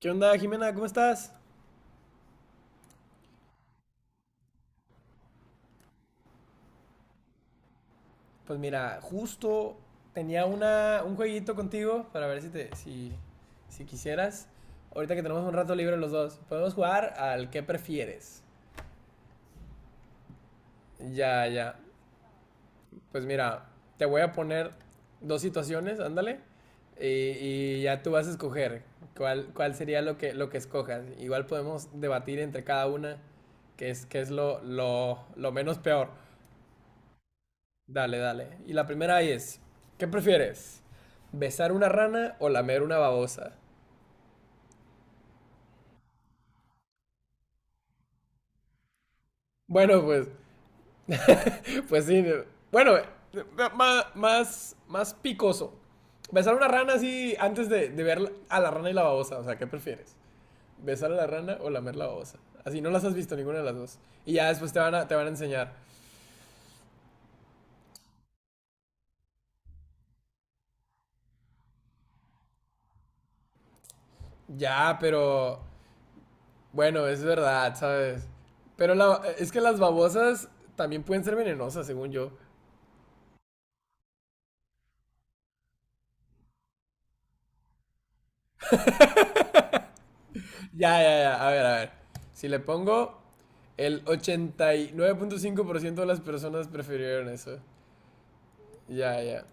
¿Qué onda, Jimena? ¿Cómo estás? Pues mira, justo tenía un jueguito contigo para ver si te, si, si quisieras. Ahorita que tenemos un rato libre los dos, podemos jugar al que prefieres. Ya, ya. Pues mira, te voy a poner dos situaciones, ándale. Y ya tú vas a escoger cuál sería lo que escojas. Igual podemos debatir entre cada una qué es lo menos peor. Dale, dale. Y la primera ahí es, ¿qué prefieres? ¿Besar una rana o lamer una babosa? Bueno, pues sí. No. Bueno, más picoso. Besar una rana así antes de ver a la rana y la babosa. O sea, ¿qué prefieres? ¿Besar a la rana o lamer la babosa? Así no las has visto ninguna de las dos. Y ya después te van a enseñar. Ya, pero bueno, es verdad, ¿sabes? Pero es que las babosas también pueden ser venenosas, según yo. Ya, ya, ya. A ver, a ver. Si le pongo el 89.5% de las personas prefirieron eso. Ya, ya.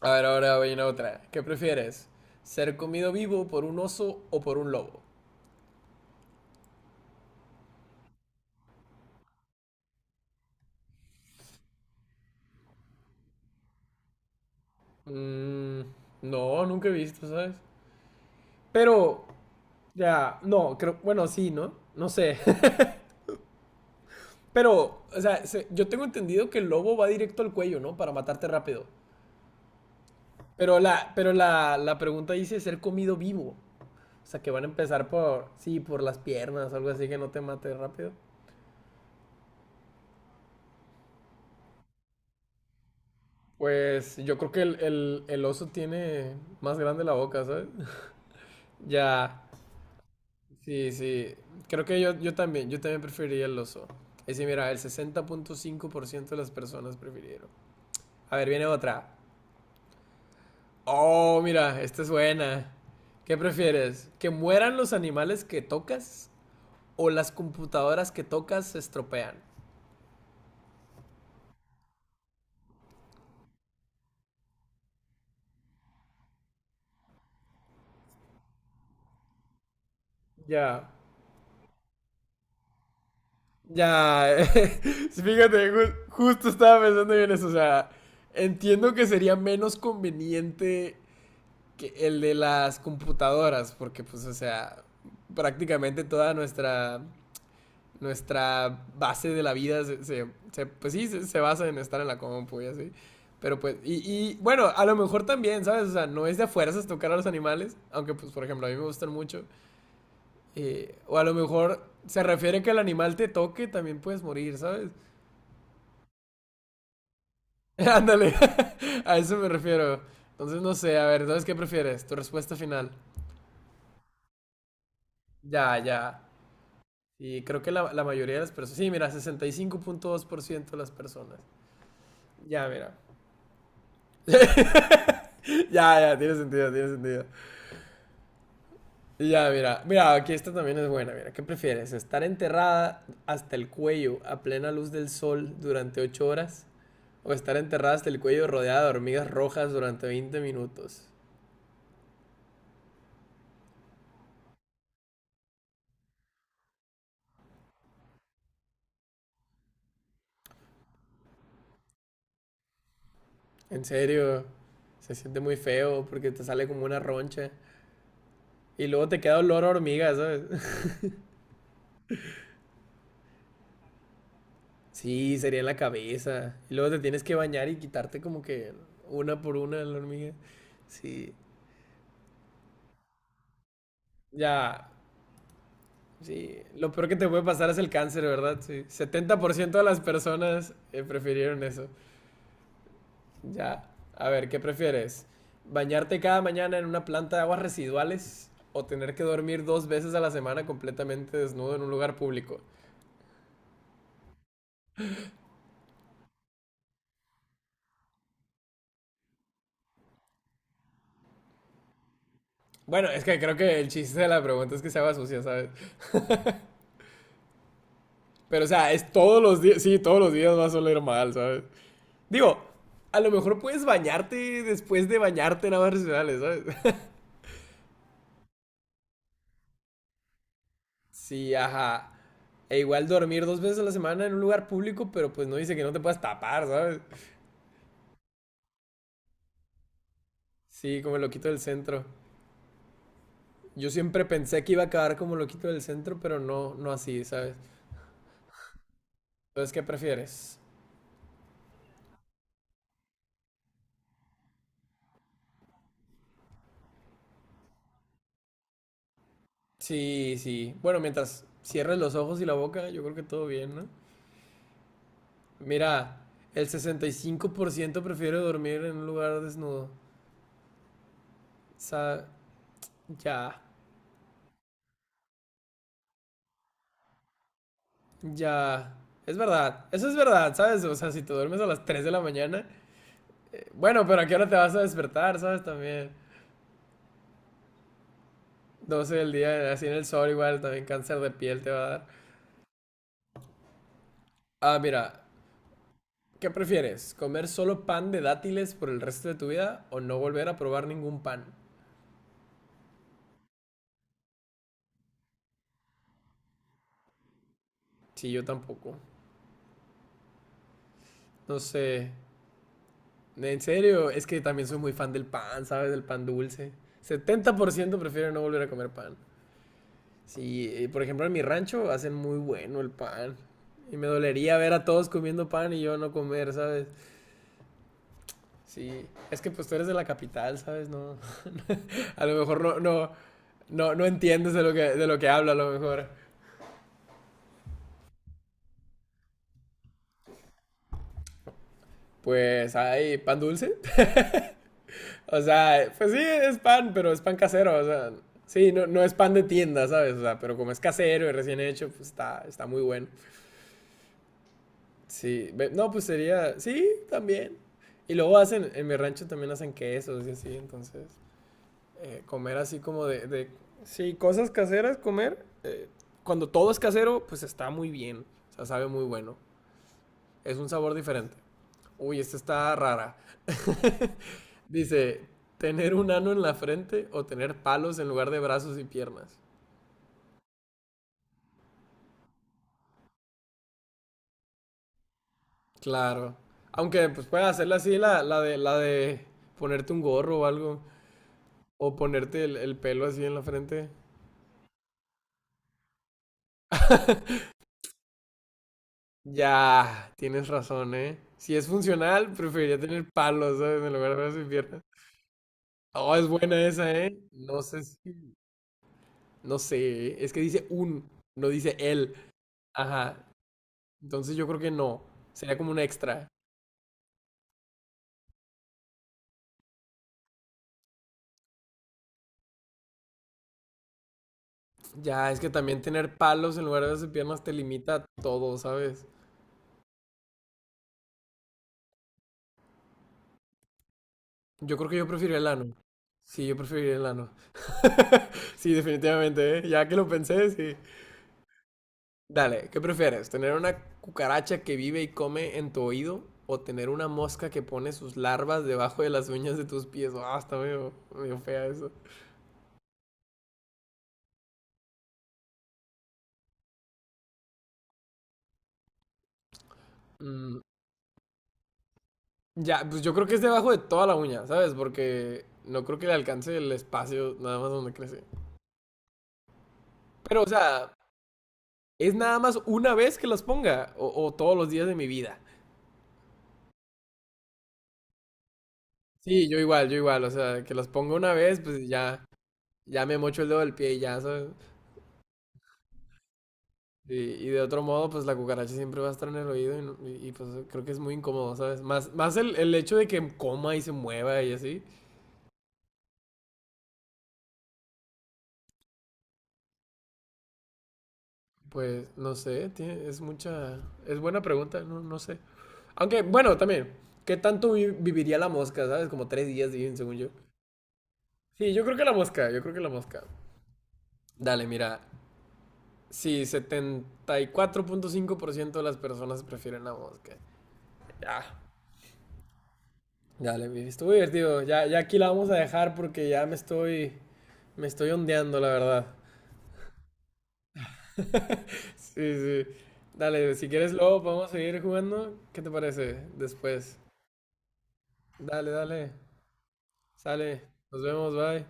A ver, ahora voy a otra. ¿Qué prefieres? ¿Ser comido vivo por un oso o por un lobo? Mm, no, nunca he visto, ¿sabes? Pero, ya, no, creo, bueno, sí, ¿no? No sé. Pero, o sea, yo tengo entendido que el lobo va directo al cuello, ¿no? Para matarte rápido. La pregunta dice ser comido vivo. O sea, que van a empezar sí, por las piernas, algo así que no te mate rápido. Pues yo creo que el oso tiene más grande la boca, ¿sabes? Ya, sí, sí. Creo que yo también preferiría el oso. Es decir, mira, el 60.5% de las personas prefirieron. A ver, viene otra. Oh, mira, esta es buena. ¿Qué prefieres? ¿Que mueran los animales que tocas o las computadoras que tocas se estropean? Ya. Ya, fíjate, justo estaba pensando yo en eso, o sea, entiendo que sería menos conveniente que el de las computadoras, porque pues, o sea, prácticamente toda nuestra base de la vida pues sí, se basa en estar en la compu y así, pero pues, y bueno, a lo mejor también, ¿sabes? O sea, no es de a fuerzas tocar a los animales, aunque pues, por ejemplo, a mí me gustan mucho, o a lo mejor se refiere que el animal te toque, también puedes morir, ¿sabes? Ándale, a eso me refiero. Entonces, no sé, a ver, entonces, ¿qué prefieres? Tu respuesta final. Ya, ya. Y creo que la mayoría de las personas. Sí, mira, 65.2% de las personas. Ya, mira. Ya, ya, tiene sentido, tiene sentido. Y ya, mira. Mira, aquí esta también es buena. Mira, ¿qué prefieres? ¿Estar enterrada hasta el cuello a plena luz del sol durante 8 horas? ¿O estar enterrada hasta el cuello rodeada de hormigas rojas durante 20 minutos? En serio, se siente muy feo porque te sale como una roncha. Y luego te queda olor a hormiga, ¿sabes? Sí, sería en la cabeza. Y luego te tienes que bañar y quitarte como que una por una la hormiga. Sí. Ya. Sí. Lo peor que te puede pasar es el cáncer, ¿verdad? Sí. 70% de las personas prefirieron eso. Ya. A ver, ¿qué prefieres? ¿Bañarte cada mañana en una planta de aguas residuales o tener que dormir dos veces a la semana completamente desnudo en un lugar público? Bueno, es que creo que el chiste de la pregunta es que se haga sucia, ¿sabes? Pero, o sea, es todos los días, sí, todos los días vas a oler mal, ¿sabes? Digo, a lo mejor puedes bañarte después de bañarte en aguas residuales, ¿sabes? Sí, ajá. E igual dormir dos veces a la semana en un lugar público, pero pues no dice que no te puedas tapar, ¿sabes? Sí, como el loquito del centro. Yo siempre pensé que iba a acabar como el loquito del centro, pero no, no así, ¿sabes? Entonces, ¿qué prefieres? Sí, sí. Bueno, mientras cierres los ojos y la boca, yo creo que todo bien, ¿no? Mira, el 65% prefiere dormir en un lugar desnudo. O sea, ya, ya. Es verdad, eso es verdad, ¿sabes? O sea, si te duermes a las 3 de la mañana, bueno, pero ¿a qué hora te vas a despertar? ¿Sabes? También, 12 del día, así en el sol igual, también cáncer de piel te va a dar. Ah, mira, ¿qué prefieres? ¿Comer solo pan de dátiles por el resto de tu vida o no volver a probar ningún pan? Sí, yo tampoco. No sé. En serio, es que también soy muy fan del pan, ¿sabes? Del pan dulce. 70% prefiero no volver a comer pan. Sí, por ejemplo, en mi rancho hacen muy bueno el pan. Y me dolería ver a todos comiendo pan y yo no comer, ¿sabes? Sí, es que pues tú eres de la capital, ¿sabes? No, a lo mejor no, no entiendes de lo que hablo a lo mejor. Pues hay pan dulce. O sea, pues sí, es pan, pero es pan casero, o sea, sí, no, no es pan de tienda, ¿sabes? O sea, pero como es casero y recién hecho, pues está muy bueno. Sí, no, pues sería, sí, también. Y luego hacen, en mi rancho también hacen quesos y así, entonces, comer así como sí, cosas caseras, comer, cuando todo es casero, pues está muy bien, o sea, sabe muy bueno, es un sabor diferente. Uy, esta está rara. Dice, ¿tener un ano en la frente o tener palos en lugar de brazos y piernas? Claro. Aunque pues pueden hacerla así, la de ponerte un gorro o algo. O ponerte el pelo así en la frente. Ya, tienes razón, ¿eh? Si es funcional, preferiría tener palos, ¿sabes? En lugar de brazos y piernas. Oh, es buena esa, ¿eh? No sé si... No sé, ¿eh? Es que dice un, no dice él. Ajá. Entonces yo creo que no. Sería como un extra. Ya, es que también tener palos en lugar de hacer piernas te limita a todo, ¿sabes? Yo creo que yo preferiría el ano. Sí, yo preferiría el ano. Sí, definitivamente, ¿eh? Ya que lo pensé, sí. Dale, ¿qué prefieres? ¿Tener una cucaracha que vive y come en tu oído? ¿O tener una mosca que pone sus larvas debajo de las uñas de tus pies? Ah, está medio, medio fea eso. Mm, ya, pues yo creo que es debajo de toda la uña, ¿sabes? Porque no creo que le alcance el espacio nada más donde crece. Pero, o sea, es nada más una vez que los ponga o todos los días de mi vida. Sí, yo igual, o sea, que los ponga una vez, pues ya, ya me mocho el dedo del pie y ya, ¿sabes? Y de otro modo, pues la cucaracha siempre va a estar en el oído pues creo que es muy incómodo, ¿sabes? Más el hecho de que coma y se mueva y así, pues no sé, es mucha, es buena pregunta, no sé. Aunque, bueno, también, ¿qué tanto viviría la mosca? ¿Sabes? Como 3 días, viven, según yo. Sí, yo creo que la mosca, yo creo que la mosca. Dale, mira. Sí, 74.5% de las personas prefieren la mosca. Ya, ya, le estuvo divertido. Ya, ya aquí la vamos a dejar porque ya me estoy ondeando, la verdad. Sí, sí. Dale, si quieres luego podemos seguir jugando. ¿Qué te parece después? Dale, dale. Sale. Nos vemos, bye.